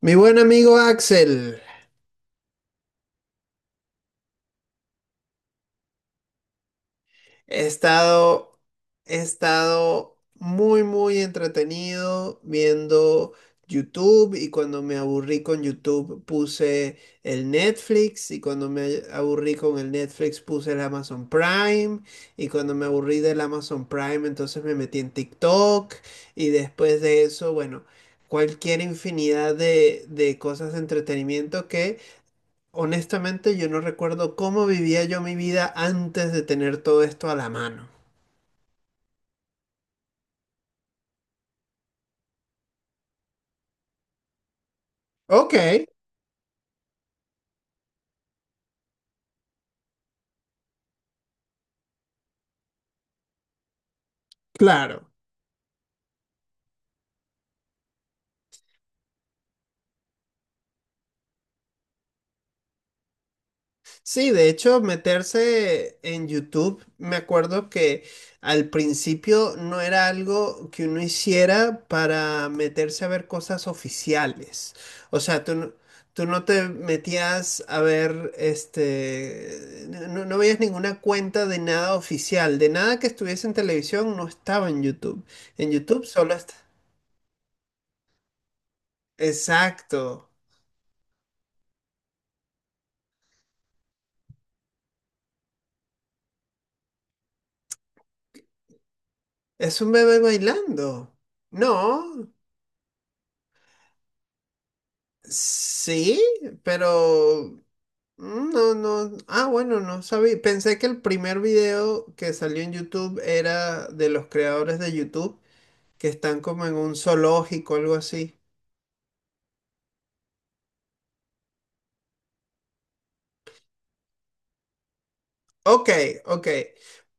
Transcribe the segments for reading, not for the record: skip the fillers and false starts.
Mi buen amigo Axel, he estado, he estado muy, muy entretenido viendo YouTube, y cuando me aburrí con YouTube puse el Netflix, y cuando me aburrí con el Netflix puse el Amazon Prime, y cuando me aburrí del Amazon Prime entonces me metí en TikTok. Y después de eso, bueno, cualquier infinidad de cosas de entretenimiento que... Honestamente, yo no recuerdo cómo vivía yo mi vida antes de tener todo esto a la mano. Ok, claro. Sí, de hecho, meterse en YouTube, me acuerdo que al principio no era algo que uno hiciera para meterse a ver cosas oficiales. O sea, tú no te metías a ver, no, no veías ninguna cuenta de nada oficial, de nada que estuviese en televisión, no estaba en YouTube. En YouTube solo está... Exacto. Es un bebé bailando. No, sí, pero no, no. Ah, bueno, no sabía. Pensé que el primer video que salió en YouTube era de los creadores de YouTube, que están como en un zoológico, algo así. Ok, ok.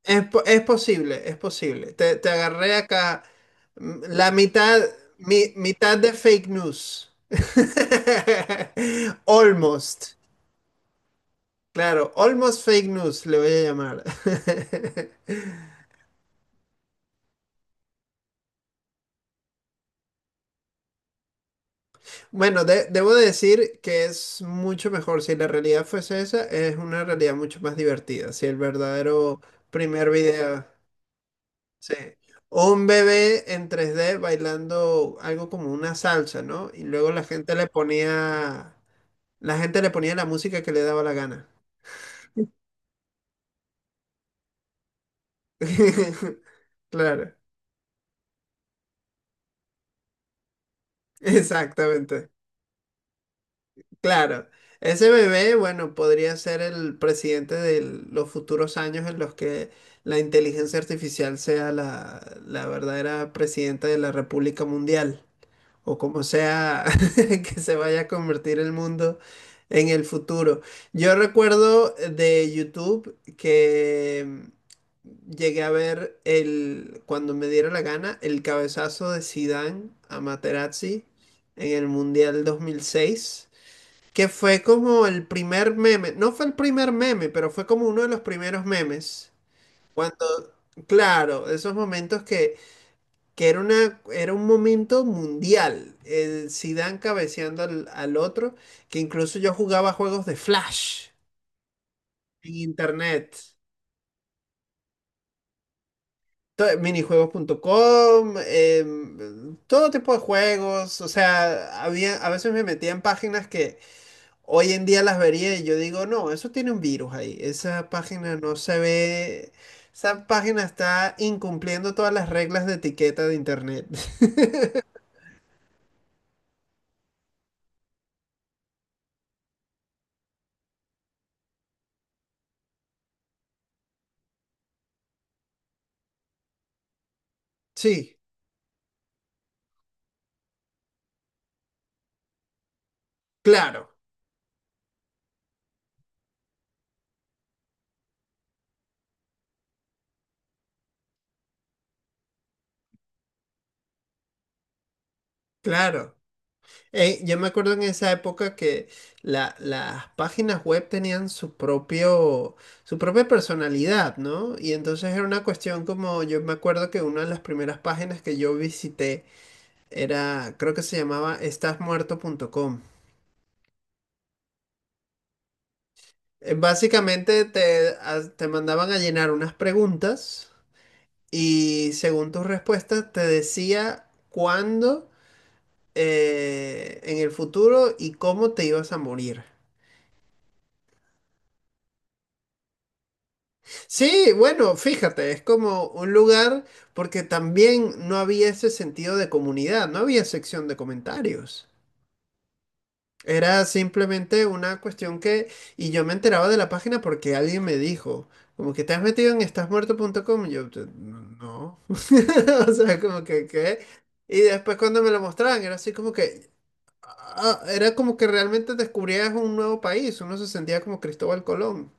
Es, es posible, es posible. Te agarré acá la mitad, mitad de fake news. Almost. Claro, almost fake news le voy a llamar. Bueno, debo decir que es mucho mejor. Si la realidad fuese esa, es una realidad mucho más divertida. Si el verdadero primer video, sí, un bebé en 3D bailando algo como una salsa, ¿no? Y luego la gente le ponía, la gente le ponía la música que le daba la gana. Claro, exactamente. Claro, ese bebé, bueno, podría ser el presidente de los futuros años en los que la inteligencia artificial sea la verdadera presidenta de la República Mundial, o como sea que se vaya a convertir el mundo en el futuro. Yo recuerdo de YouTube que llegué a ver el, cuando me diera la gana, el cabezazo de Zidane a Materazzi en el Mundial 2006, que fue como el primer meme, no fue el primer meme, pero fue como uno de los primeros memes. Cuando, claro, esos momentos que era una, era un momento mundial. El Zidane cabeceando al otro, que incluso yo jugaba juegos de Flash en internet. Minijuegos.com, todo tipo de juegos, o sea, había, a veces me metía en páginas que... Hoy en día las vería y yo digo, no, eso tiene un virus ahí. Esa página no se ve. Esa página está incumpliendo todas las reglas de etiqueta de internet. Sí, claro, claro. Yo me acuerdo en esa época que las páginas web tenían su propio, su propia personalidad, ¿no? Y entonces era una cuestión como, yo me acuerdo que una de las primeras páginas que yo visité era, creo que se llamaba estasmuerto.com. Básicamente te, te mandaban a llenar unas preguntas, y según tus respuestas te decía cuándo en el futuro y cómo te ibas a morir. Sí, bueno, fíjate, es como un lugar porque también no había ese sentido de comunidad, no había sección de comentarios. Era simplemente una cuestión que, y yo me enteraba de la página porque alguien me dijo, como que te has metido en estasmuerto.com, y yo, "Te- no", o sea, como que, ¿qué? Y después cuando me lo mostraban, era así como que, ah, era como que realmente descubrías un nuevo país, uno se sentía como Cristóbal Colón.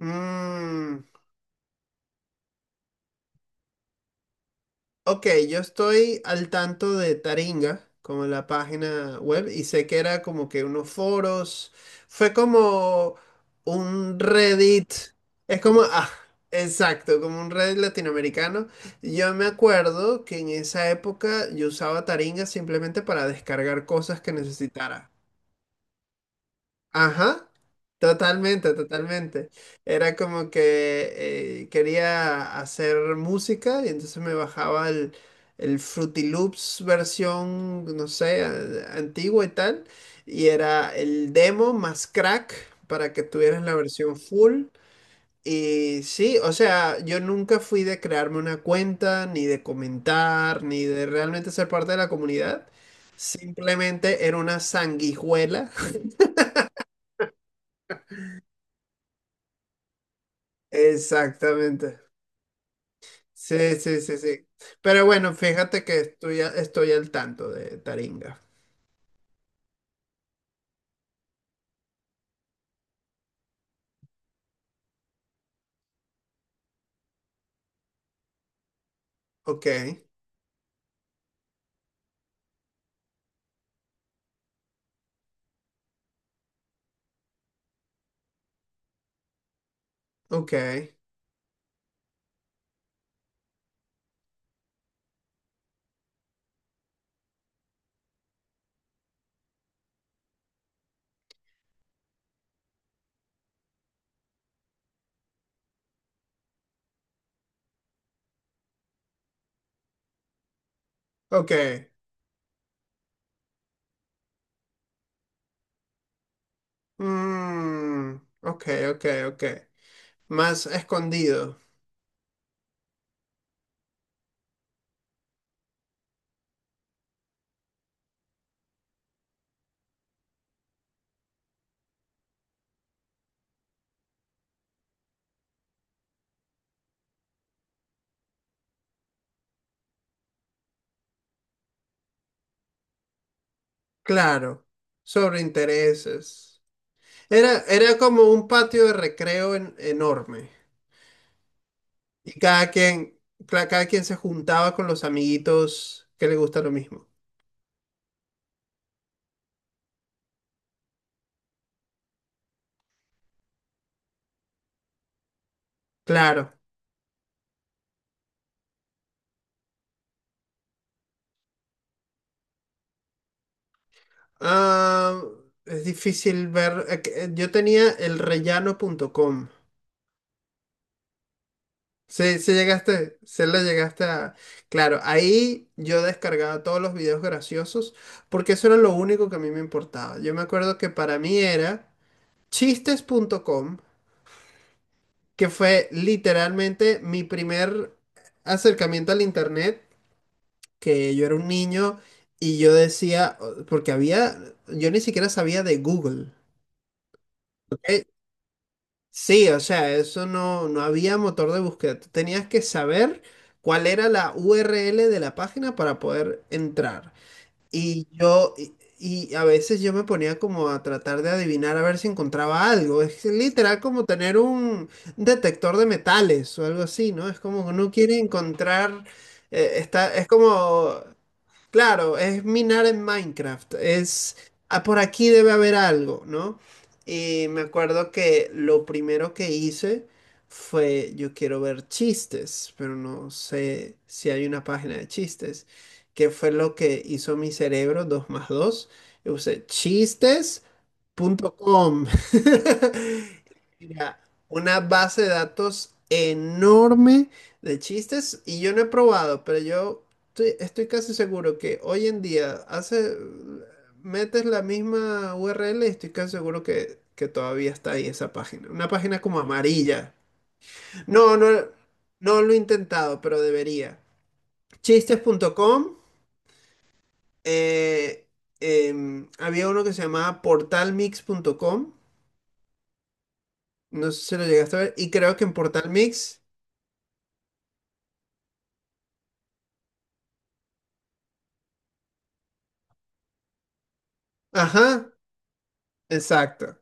Mm. Ok, yo estoy al tanto de Taringa, como la página web, y sé que era como que unos foros, fue como un Reddit, es como, ah, exacto, como un Reddit latinoamericano. Yo me acuerdo que en esa época yo usaba Taringa simplemente para descargar cosas que necesitara. Ajá, totalmente, totalmente. Era como que quería hacer música y entonces me bajaba el Fruity Loops versión, no sé, antigua y tal. Y era el demo más crack para que tuvieras la versión full. Y sí, o sea, yo nunca fui de crearme una cuenta, ni de comentar, ni de realmente ser parte de la comunidad. Simplemente era una sanguijuela. Exactamente. Sí, sí, sí, sí. Pero bueno, fíjate que estoy, estoy al tanto de Taringa. Ok, ok, ok. Mm, ok, ok, ok. Más escondido. Claro. Sobre intereses. Era, era como un patio de recreo enorme. Y cada quien, cada quien se juntaba con los amiguitos que le gusta lo mismo. Claro. Ah, es difícil ver. Yo tenía el rellano.com. Sí, sí llegaste, se le llegaste a... Claro, ahí yo descargaba todos los videos graciosos porque eso era lo único que a mí me importaba. Yo me acuerdo que para mí era chistes.com, que fue literalmente mi primer acercamiento al internet, que yo era un niño y yo decía, porque había, yo ni siquiera sabía de Google. ¿Ok? Sí, o sea, eso no, no había motor de búsqueda. Tú tenías que saber cuál era la URL de la página para poder entrar. Y yo, y, y a veces yo me ponía como a tratar de adivinar a ver si encontraba algo. Es literal como tener un detector de metales o algo así, ¿no? Es como que uno quiere encontrar, es como... Claro, es minar en Minecraft. Es, ah, por aquí debe haber algo, ¿no? Y me acuerdo que lo primero que hice fue, yo quiero ver chistes, pero no sé si hay una página de chistes, que fue lo que hizo mi cerebro, 2 más 2. Yo usé chistes Punto .com. Mira, una base de datos enorme de chistes, y yo no he probado, pero yo estoy, estoy casi seguro que hoy en día hace, metes la misma URL y estoy casi seguro que todavía está ahí esa página. Una página como amarilla. No, no, no lo he intentado, pero debería. Chistes.com. eh, había uno que se llamaba portalmix.com. No sé si lo llegaste a ver. Y creo que en Portal Mix. Ajá, exacto.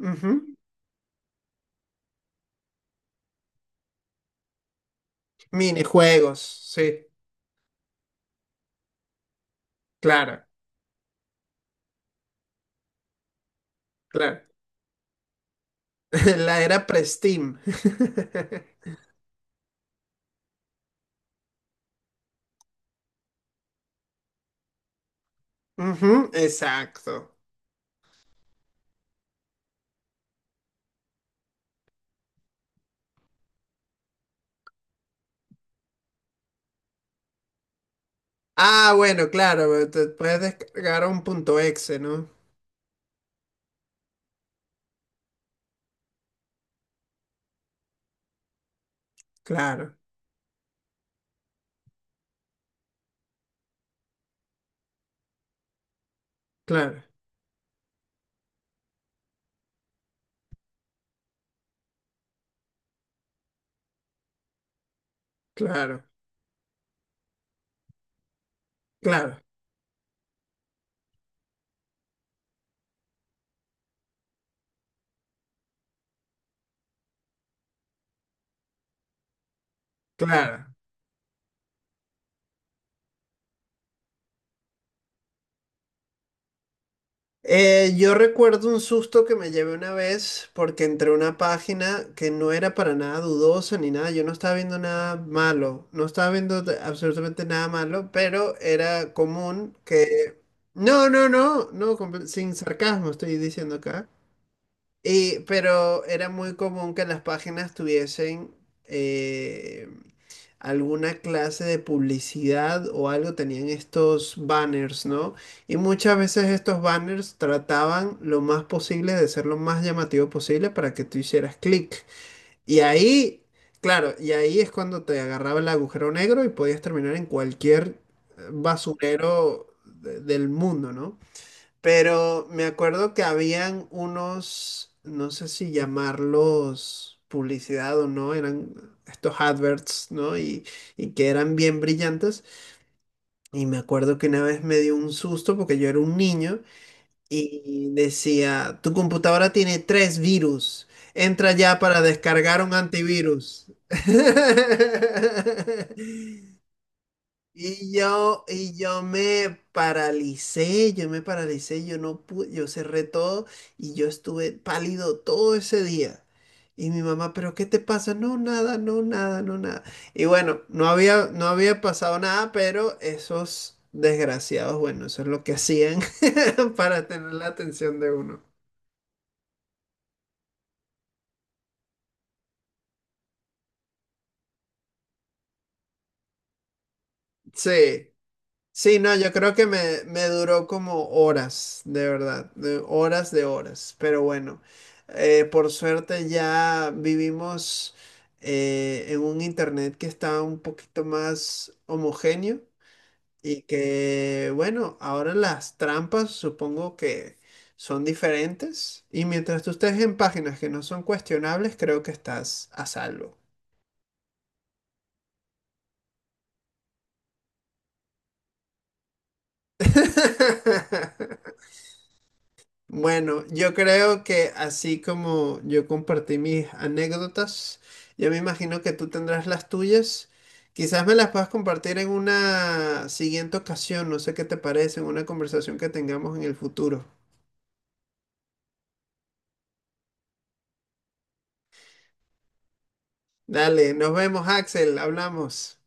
Ujú. Minijuegos, sí, claro, claro. La era pre-Steam. Ujú, exacto. Ah, bueno, claro, te puedes descargar un punto exe, ¿no? Claro, claro, claro, claro, claro. Yo recuerdo un susto que me llevé una vez porque entré a una página que no era para nada dudosa ni nada. Yo no estaba viendo nada malo, no estaba viendo absolutamente nada malo, pero era común que... No, no, no, no, sin sarcasmo estoy diciendo acá. Y, pero era muy común que las páginas tuviesen eh, alguna clase de publicidad o algo, tenían estos banners, ¿no? Y muchas veces estos banners trataban lo más posible de ser lo más llamativo posible para que tú hicieras clic. Y ahí, claro, y ahí es cuando te agarraba el agujero negro y podías terminar en cualquier basurero del mundo, ¿no? Pero me acuerdo que habían unos, no sé si llamarlos publicidad o no, eran estos adverts, ¿no? Y que eran bien brillantes. Y me acuerdo que una vez me dio un susto porque yo era un niño y decía, tu computadora tiene tres virus, entra ya para descargar un antivirus. Y yo me paralicé, yo me paralicé, yo no pude, yo cerré todo y yo estuve pálido todo ese día. Y mi mamá, ¿pero qué te pasa? No, nada, no, nada, no, nada. Y bueno, no había, no había pasado nada, pero esos desgraciados, bueno, eso es lo que hacían para tener la atención de uno. Sí, sí, no, yo creo que me duró como horas, de verdad, de horas, pero bueno, por suerte ya vivimos en un internet que está un poquito más homogéneo, y que, bueno, ahora las trampas supongo que son diferentes, y mientras tú estés en páginas que no son cuestionables, creo que estás a salvo. Bueno, yo creo que así como yo compartí mis anécdotas, yo me imagino que tú tendrás las tuyas. Quizás me las puedas compartir en una siguiente ocasión, no sé qué te parece, en una conversación que tengamos en el futuro. Dale, nos vemos, Axel, hablamos.